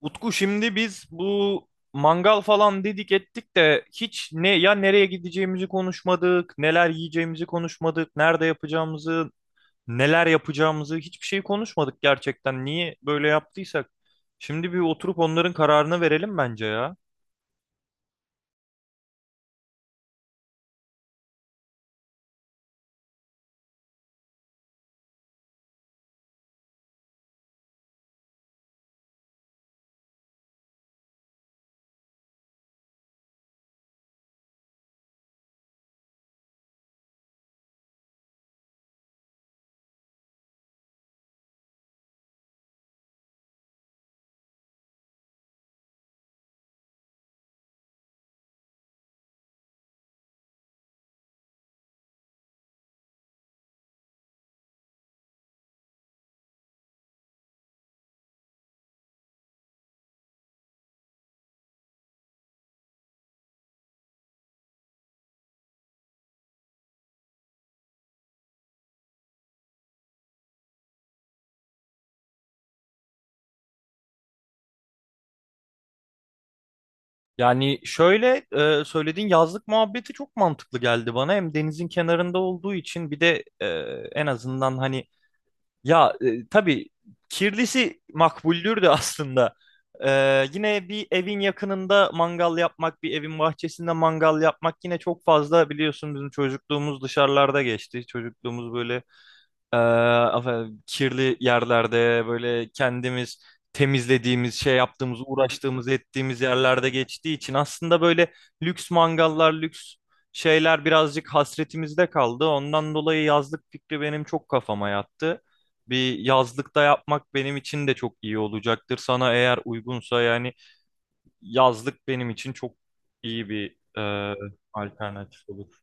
Utku şimdi biz bu mangal falan dedik ettik de hiç ne ya nereye gideceğimizi konuşmadık, neler yiyeceğimizi konuşmadık, nerede yapacağımızı, neler yapacağımızı hiçbir şey konuşmadık gerçekten. Niye böyle yaptıysak? Şimdi bir oturup onların kararını verelim bence ya. Yani şöyle söylediğin yazlık muhabbeti çok mantıklı geldi bana. Hem denizin kenarında olduğu için bir de en azından hani ya tabii kirlisi makbuldür de aslında. E, Yine bir evin yakınında mangal yapmak, bir evin bahçesinde mangal yapmak yine çok fazla biliyorsun bizim çocukluğumuz dışarılarda geçti. Çocukluğumuz böyle ee, efendim, kirli yerlerde böyle kendimiz temizlediğimiz, şey yaptığımız, uğraştığımız, ettiğimiz yerlerde geçtiği için aslında böyle lüks mangallar, lüks şeyler birazcık hasretimizde kaldı. Ondan dolayı yazlık fikri benim çok kafama yattı. Bir yazlıkta yapmak benim için de çok iyi olacaktır. Sana eğer uygunsa yani yazlık benim için çok iyi bir alternatif olur.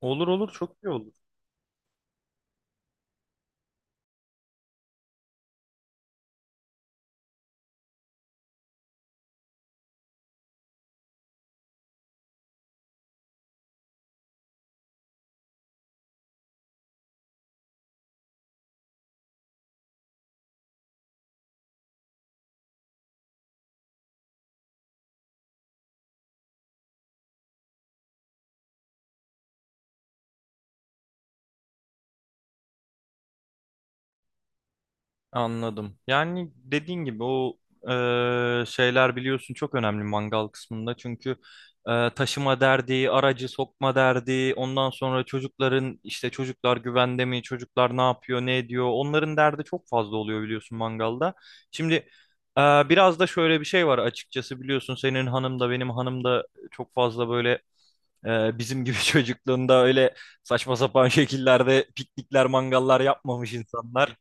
Olur olur çok iyi olur. Anladım. Yani dediğin gibi o şeyler biliyorsun çok önemli mangal kısmında. Çünkü taşıma derdi, aracı sokma derdi, ondan sonra çocukların işte çocuklar güvende mi, çocuklar ne yapıyor, ne ediyor. Onların derdi çok fazla oluyor biliyorsun mangalda. Şimdi biraz da şöyle bir şey var açıkçası biliyorsun senin hanım da benim hanım da çok fazla böyle bizim gibi çocukluğunda öyle saçma sapan şekillerde piknikler, mangallar yapmamış insanlar.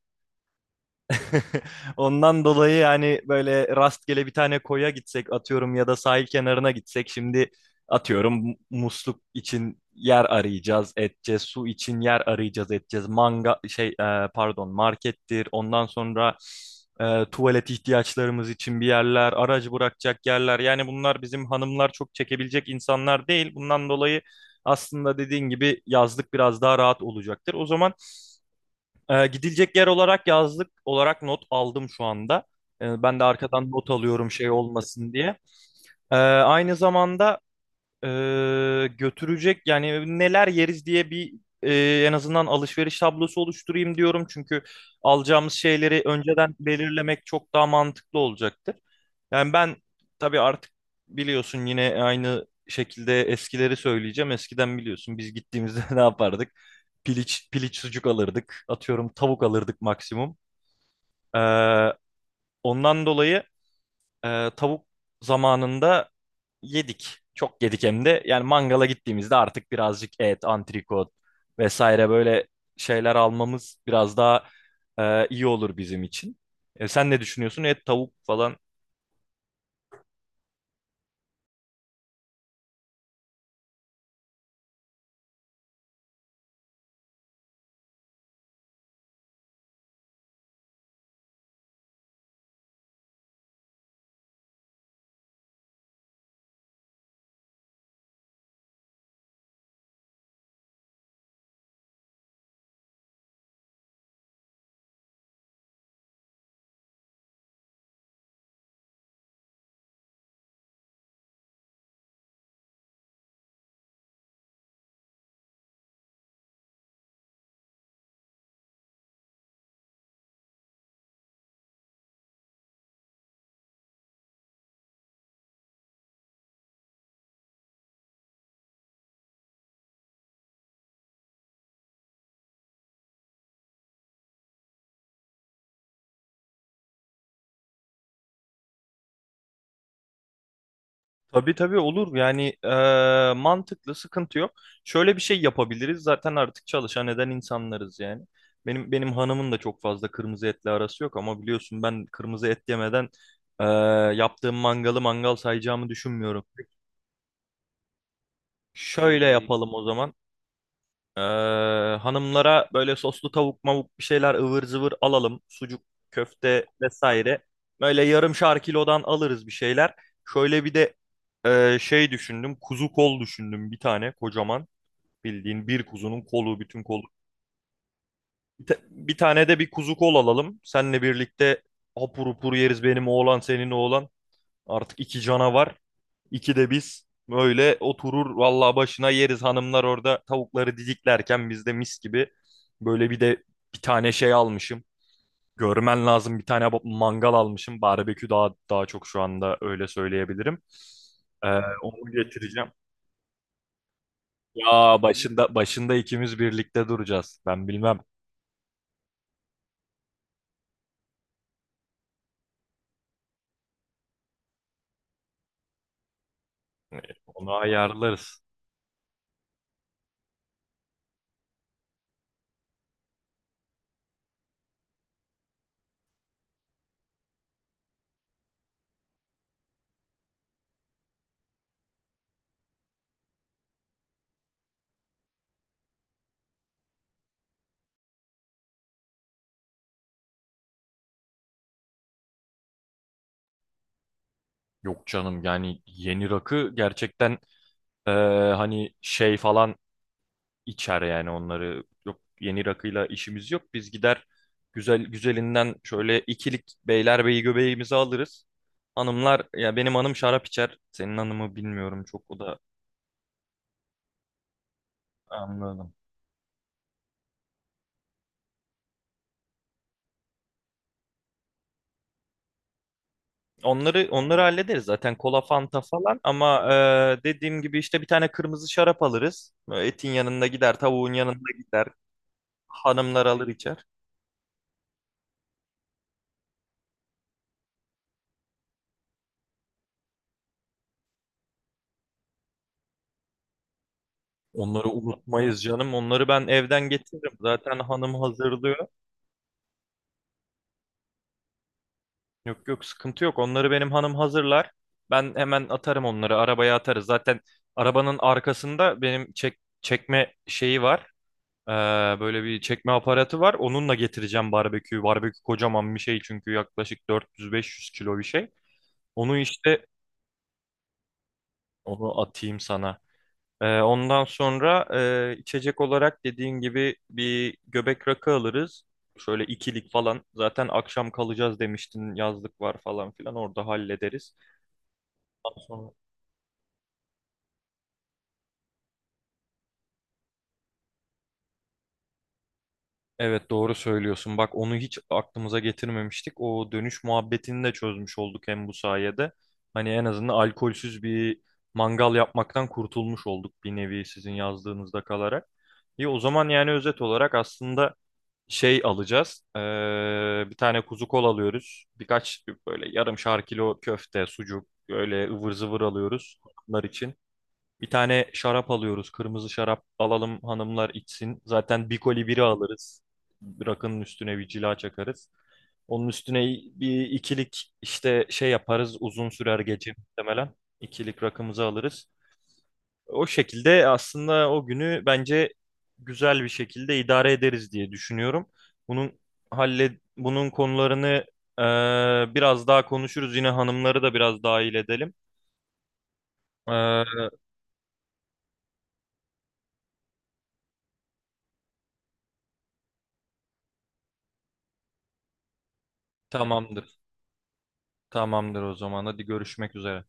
Ondan dolayı yani böyle rastgele bir tane koya gitsek atıyorum ya da sahil kenarına gitsek şimdi atıyorum musluk için yer arayacağız edeceğiz su için yer arayacağız edeceğiz manga şey pardon markettir ondan sonra tuvalet ihtiyaçlarımız için bir yerler aracı bırakacak yerler yani bunlar bizim hanımlar çok çekebilecek insanlar değil bundan dolayı aslında dediğin gibi yazlık biraz daha rahat olacaktır o zaman gidilecek yer olarak yazlık olarak not aldım şu anda. Ben de arkadan not alıyorum şey olmasın diye. Aynı zamanda götürecek yani neler yeriz diye bir en azından alışveriş tablosu oluşturayım diyorum. Çünkü alacağımız şeyleri önceden belirlemek çok daha mantıklı olacaktır. Yani ben tabii artık biliyorsun yine aynı şekilde eskileri söyleyeceğim. Eskiden biliyorsun biz gittiğimizde ne yapardık? Piliç, piliç sucuk alırdık. Atıyorum tavuk alırdık maksimum. Ee, Ondan dolayı tavuk zamanında yedik. Çok yedik hem de. Yani mangala gittiğimizde artık birazcık et, antrikot vesaire böyle şeyler almamız biraz daha iyi olur bizim için. E, sen ne düşünüyorsun? Et, tavuk falan tabii tabii olur. Yani mantıklı, sıkıntı yok. Şöyle bir şey yapabiliriz. Zaten artık çalışan eden insanlarız yani. Benim hanımın da çok fazla kırmızı etle arası yok ama biliyorsun ben kırmızı et yemeden eee, yaptığım mangalı mangal sayacağımı düşünmüyorum. Şöyle yapalım o zaman. Ee, Hanımlara böyle soslu tavuk mavuk bir şeyler ıvır zıvır alalım. Sucuk, köfte vesaire. Böyle yarımşar kilodan alırız bir şeyler. Şöyle bir de şey düşündüm. Kuzu kol düşündüm bir tane kocaman. Bildiğin bir kuzunun kolu, bütün kolu. Bir tane de bir kuzu kol alalım. Seninle birlikte hapur hupur yeriz benim oğlan senin oğlan. Artık iki canavar. İkide biz böyle oturur vallahi başına yeriz hanımlar orada tavukları didiklerken biz de mis gibi böyle bir de bir tane şey almışım. Görmen lazım bir tane mangal almışım. Barbekü daha daha çok şu anda öyle söyleyebilirim. Ee, Onu getireceğim. Ya başında ikimiz birlikte duracağız. Ben bilmem. Ee, Onu ayarlarız. Yok canım yani yeni rakı gerçekten e, hani şey falan içer yani onları. Yok yeni rakıyla işimiz yok. Biz gider güzel güzelinden şöyle ikilik beylerbeyi göbeğimizi alırız. Hanımlar ya benim hanım şarap içer. Senin hanımı bilmiyorum çok o da anladım. Onları hallederiz zaten kola fanta falan ama dediğim gibi işte bir tane kırmızı şarap alırız. Böyle etin yanında gider, tavuğun yanında gider. Hanımlar alır içer. Onları unutmayız canım. Onları ben evden getiririm. Zaten hanım hazırlıyor. Yok yok sıkıntı yok. Onları benim hanım hazırlar. Ben hemen atarım onları. Arabaya atarız. Zaten arabanın arkasında benim çek çekme şeyi var. Ee, Böyle bir çekme aparatı var. Onunla getireceğim barbeküyü. Barbekü kocaman bir şey çünkü yaklaşık 400-500 kilo bir şey. Onu işte onu atayım sana. Ondan sonra içecek olarak dediğin gibi bir göbek rakı alırız. Şöyle ikilik falan. Zaten akşam kalacağız demiştin. Yazlık var falan filan. Orada hallederiz. Evet doğru söylüyorsun. Bak onu hiç aklımıza getirmemiştik. O dönüş muhabbetini de çözmüş olduk hem bu sayede. Hani en azından alkolsüz bir mangal yapmaktan kurtulmuş olduk bir nevi sizin yazdığınızda kalarak. İyi o zaman yani özet olarak aslında şey alacağız. Bir tane kuzu kol alıyoruz. Birkaç böyle yarım şar kilo köfte, sucuk, böyle ıvır zıvır alıyoruz bunlar için. Bir tane şarap alıyoruz. Kırmızı şarap alalım hanımlar içsin. Zaten bir koli biri alırız. Rakının üstüne bir cila çakarız. Onun üstüne bir ikilik işte şey yaparız. Uzun sürer gece muhtemelen. İkilik rakımızı alırız. O şekilde aslında o günü bence güzel bir şekilde idare ederiz diye düşünüyorum. Bunun halle bunun konularını biraz daha konuşuruz. Yine hanımları da biraz dahil edelim. Eee, tamamdır. Tamamdır o zaman. Hadi görüşmek üzere.